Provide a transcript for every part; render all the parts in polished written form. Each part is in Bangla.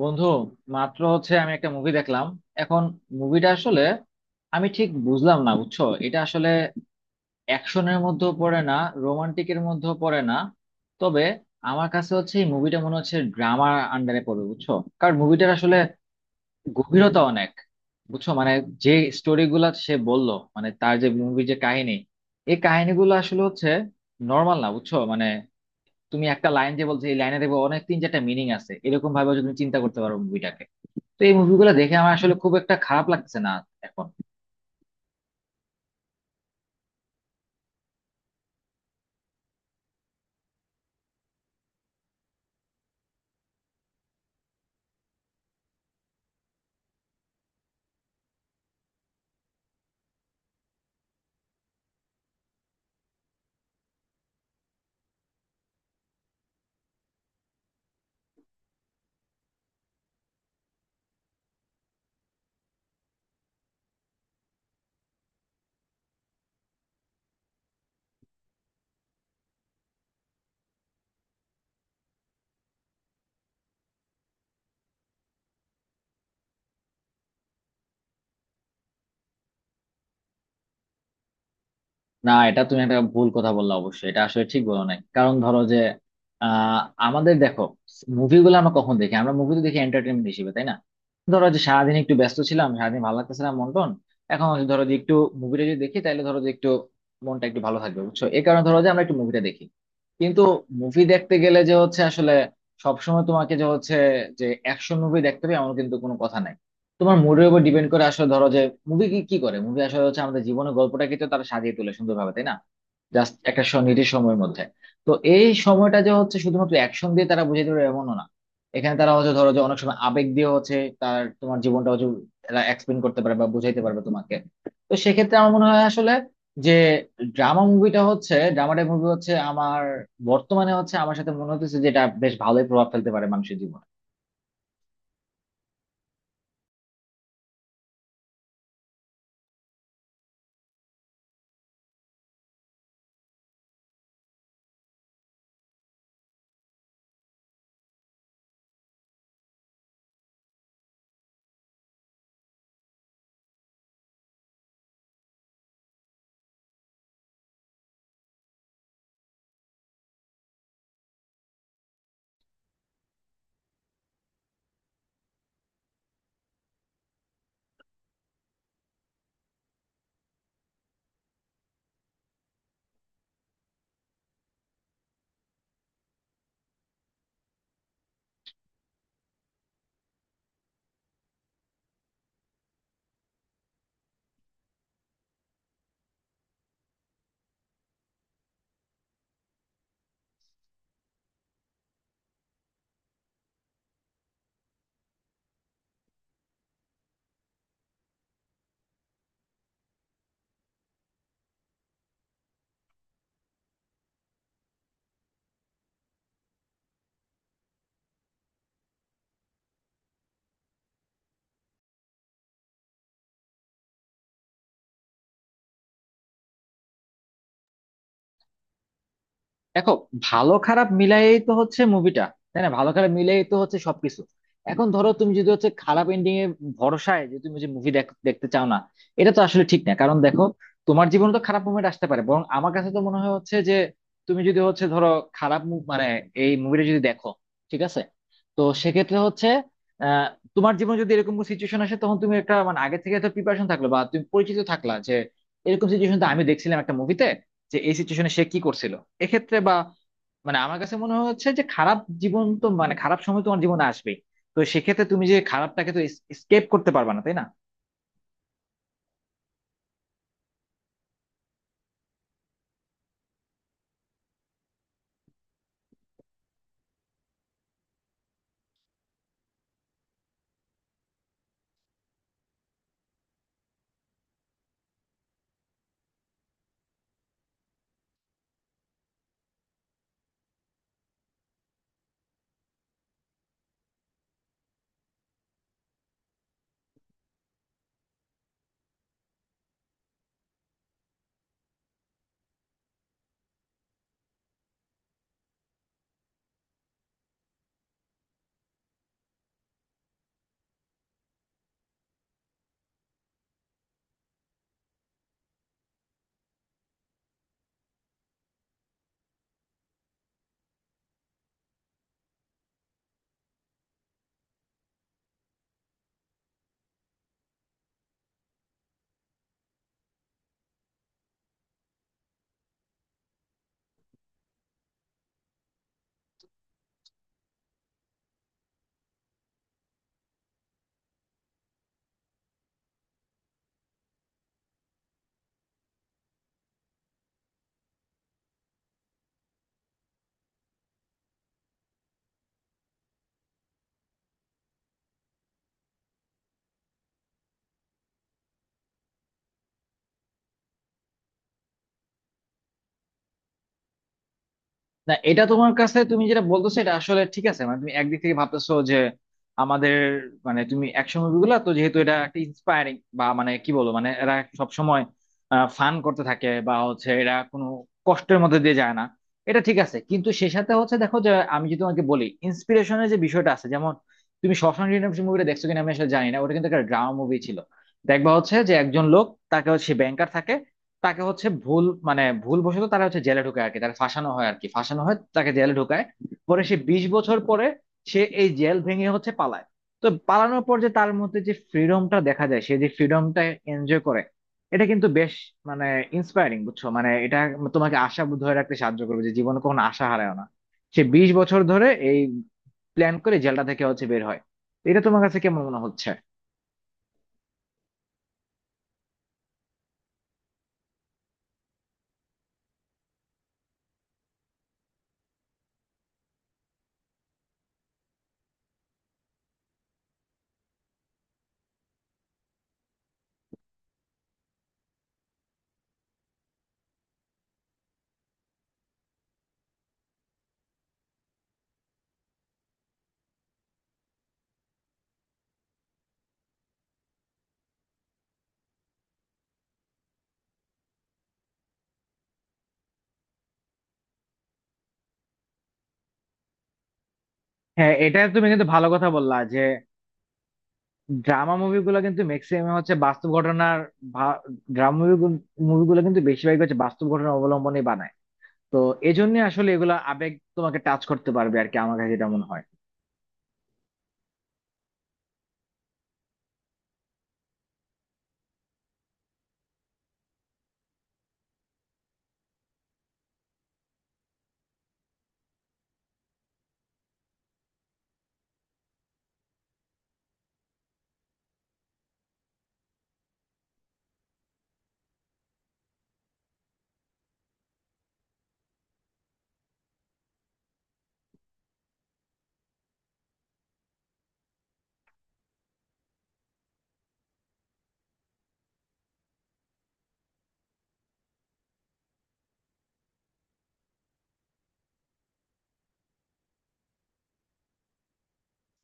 বন্ধু মাত্র হচ্ছে আমি একটা মুভি দেখলাম। এখন মুভিটা আসলে আমি ঠিক বুঝলাম না, বুঝছো, এটা আসলে অ্যাকশনের মধ্যেও পড়ে না, রোমান্টিকের মধ্যেও পড়ে না, তবে আমার কাছে হচ্ছে এই মুভিটা মনে হচ্ছে ড্রামার আন্ডারে পড়বে বুঝছো। কারণ মুভিটার আসলে গভীরতা অনেক, বুঝছো মানে, যে স্টোরি গুলা সে বললো মানে তার যে মুভির যে কাহিনী, এই কাহিনীগুলো আসলে হচ্ছে নর্মাল না, বুঝছো মানে তুমি একটা লাইন যে বলছো এই লাইনে দেখবে অনেক তিন চারটা মিনিং আছে, এরকম ভাবে হচ্ছে তুমি চিন্তা করতে পারো মুভিটাকে। তো এই মুভিগুলো দেখে আমার আসলে খুব একটা খারাপ লাগছে না এখন। না, এটা তুমি একটা ভুল কথা বললা, অবশ্যই এটা আসলে ঠিক বলো নাই। কারণ ধরো যে আহ আমাদের দেখো, মুভিগুলো আমরা কখন দেখি? আমরা মুভি তো দেখি এন্টারটেনমেন্ট হিসেবে, তাই না? ধরো যে সারাদিন একটু ব্যস্ত ছিলাম, সারাদিন ভালো লাগতেছিলাম মন টন। এখন হচ্ছে ধরো যে একটু মুভিটা যদি দেখি তাহলে ধরো যে একটু মনটা একটু ভালো থাকবে, বুঝছো, এই কারণে ধরো যে আমরা একটু মুভিটা দেখি। কিন্তু মুভি দেখতে গেলে যে হচ্ছে আসলে সবসময় তোমাকে যে হচ্ছে যে অ্যাকশন মুভি দেখতে হবে এমন কিন্তু কোনো কথা নাই। তোমার মুডের উপর ডিপেন্ড করে আসলে ধরো যে মুভি কি কি করে, মুভি আসলে হচ্ছে আমাদের জীবনের গল্পটাকে তো তারা সাজিয়ে তোলে সুন্দরভাবে, তাই না? জাস্ট একটা নির্দিষ্ট সময়ের মধ্যে। তো এই সময়টা যে হচ্ছে শুধুমাত্র অ্যাকশন দিয়ে তারা বুঝিয়ে দেবে এমনও না। এখানে তারা হচ্ছে ধরো যে অনেক সময় আবেগ দিয়ে হচ্ছে তার তোমার জীবনটা হচ্ছে তারা এক্সপ্লেন করতে পারবে বা বুঝাইতে পারবে তোমাকে। তো সেক্ষেত্রে আমার মনে হয় আসলে যে ড্রামা মুভিটা হচ্ছে, ড্রামাটিক মুভি হচ্ছে আমার বর্তমানে হচ্ছে আমার সাথে মনে হচ্ছে যেটা বেশ ভালোই প্রভাব ফেলতে পারে মানুষের জীবনে। দেখো, ভালো খারাপ মিলায়েই তো হচ্ছে মুভিটা, তাই না? ভালো খারাপ মিলায়েই তো হচ্ছে সবকিছু। এখন ধরো তুমি যদি হচ্ছে খারাপ এন্ডিং এ ভরসায় যে তুমি যে মুভি দেখতে চাও না, এটা তো আসলে ঠিক না। কারণ দেখো, তোমার জীবনে তো খারাপ মুভমেন্ট আসতে পারে, বরং আমার কাছে তো মনে হয় হচ্ছে যে তুমি যদি হচ্ছে ধরো মানে এই মুভিটা যদি দেখো, ঠিক আছে, তো সেক্ষেত্রে হচ্ছে আহ তোমার জীবনে যদি এরকম সিচুয়েশন আসে তখন তুমি একটা মানে আগে থেকে তো প্রিপারেশন থাকলো, বা তুমি পরিচিত থাকলা যে এরকম সিচুয়েশন তো আমি দেখছিলাম একটা মুভিতে, যে এই সিচুয়েশনে সে কি করছিল এক্ষেত্রে, বা মানে আমার কাছে মনে হচ্ছে যে খারাপ জীবন তো মানে খারাপ সময় তোমার জীবনে আসবেই। তো সেক্ষেত্রে তুমি যে খারাপটাকে তো এস্কেপ করতে পারবে না, তাই না? না, এটা তোমার কাছে তুমি যেটা বলতেছো এটা আসলে ঠিক আছে, মানে তুমি একদিক থেকে ভাবতেছো যে আমাদের, মানে তুমি অ্যাকশন মুভিগুলো তো যেহেতু এটা একটা ইন্সপায়ারিং বা মানে কি বলবো, মানে এরা সব সময় ফান করতে থাকে বা হচ্ছে এরা কোনো কষ্টের মধ্যে দিয়ে যায় না। এটা ঠিক আছে, কিন্তু সে সাথে হচ্ছে দেখো যে আমি যদি তোমাকে বলি ইন্সপিরেশনের যে বিষয়টা আছে, যেমন তুমি শশাঙ্ক রিডেম্পশন মুভিটা দেখছো কিনা আমি আসলে জানি না, ওটা কিন্তু একটা ড্রামা মুভি ছিল। দেখবা হচ্ছে যে একজন লোক, তাকে হচ্ছে ব্যাংকার থাকে, তাকে হচ্ছে ভুল মানে ভুল বশত তারা হচ্ছে জেলে ঢুকায় আর কি, তারা ফাঁসানো হয় আর কি, ফাঁসানো হয় তাকে জেলে ঢুকায়। পরে সে 20 বছর পরে সে এই জেল ভেঙে হচ্ছে পালায়। তো পালানোর পর যে তার মধ্যে যে ফ্রিডমটা দেখা যায়, সে যে ফ্রিডমটা এনজয় করে, এটা কিন্তু বেশ মানে ইন্সপায়ারিং, বুঝছো, মানে এটা তোমাকে আশা ধরে রাখতে সাহায্য করবে যে জীবনে কখনো আশা হারায় না। সে বিশ বছর ধরে এই প্ল্যান করে জেলটা থেকে হচ্ছে বের হয়। এটা তোমার কাছে কেমন মনে হচ্ছে? হ্যাঁ, এটা তুমি কিন্তু ভালো কথা বললা যে ড্রামা মুভিগুলো কিন্তু ম্যাক্সিমাম হচ্ছে বাস্তব ঘটনার, ড্রামা মুভিগুলো কিন্তু বেশিরভাগ হচ্ছে বাস্তব ঘটনা অবলম্বনে বানায়। তো এই জন্য আসলে এগুলা আবেগ তোমাকে টাচ করতে পারবে আর কি, আমার কাছে এটা মনে হয়।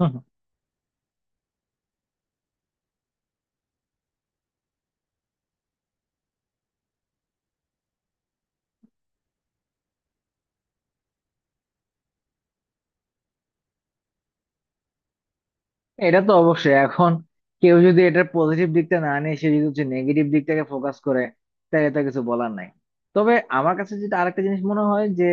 হুম। এটা তো অবশ্যই। এখন কেউ যদি এটার পজিটিভ দিকটা না নিয়ে সে যদি হচ্ছে নেগেটিভ দিকটাকে ফোকাস করে তাহলে তা কিছু বলার নাই। তবে আমার কাছে যেটা আরেকটা জিনিস মনে হয় যে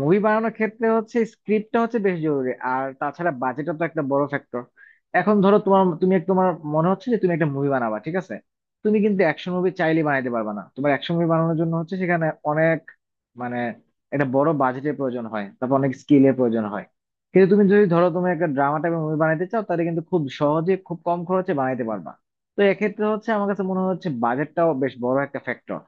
মুভি বানানোর ক্ষেত্রে হচ্ছে স্ক্রিপ্টটা হচ্ছে বেশ জরুরি, আর তাছাড়া বাজেটও তো একটা বড় ফ্যাক্টর। এখন ধরো তোমার তুমি তোমার মনে হচ্ছে যে তুমি একটা মুভি বানাবা, ঠিক আছে, তুমি কিন্তু অ্যাকশন মুভি চাইলে বানাইতে পারবা না। তোমার অ্যাকশন মুভি বানানোর জন্য হচ্ছে সেখানে অনেক মানে একটা বড় বাজেটের প্রয়োজন হয়, তারপর অনেক স্কিলের প্রয়োজন হয়। কিন্তু তুমি যদি ধরো তুমি একটা ড্রামা টাইপের মুভি বানাইতে চাও তাহলে কিন্তু খুব সহজে খুব কম খরচে বানাইতে পারবা। তো এক্ষেত্রে হচ্ছে আমার কাছে মনে হচ্ছে বাজেটটাও বেশ বড় একটা ফ্যাক্টর।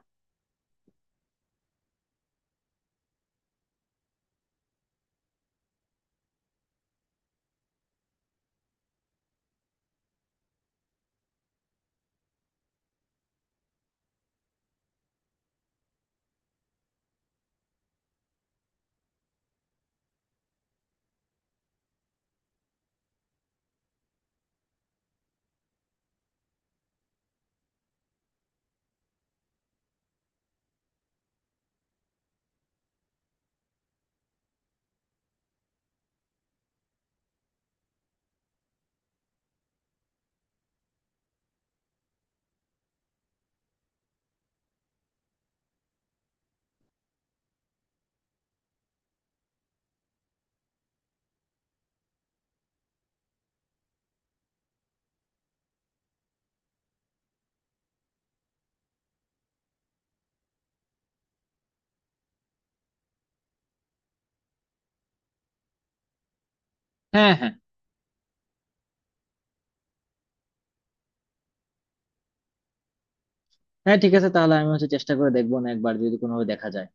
হ্যাঁ, ঠিক আছে, তাহলে আমি হচ্ছে চেষ্টা করে দেখবো, না একবার যদি কোনোভাবে দেখা যায়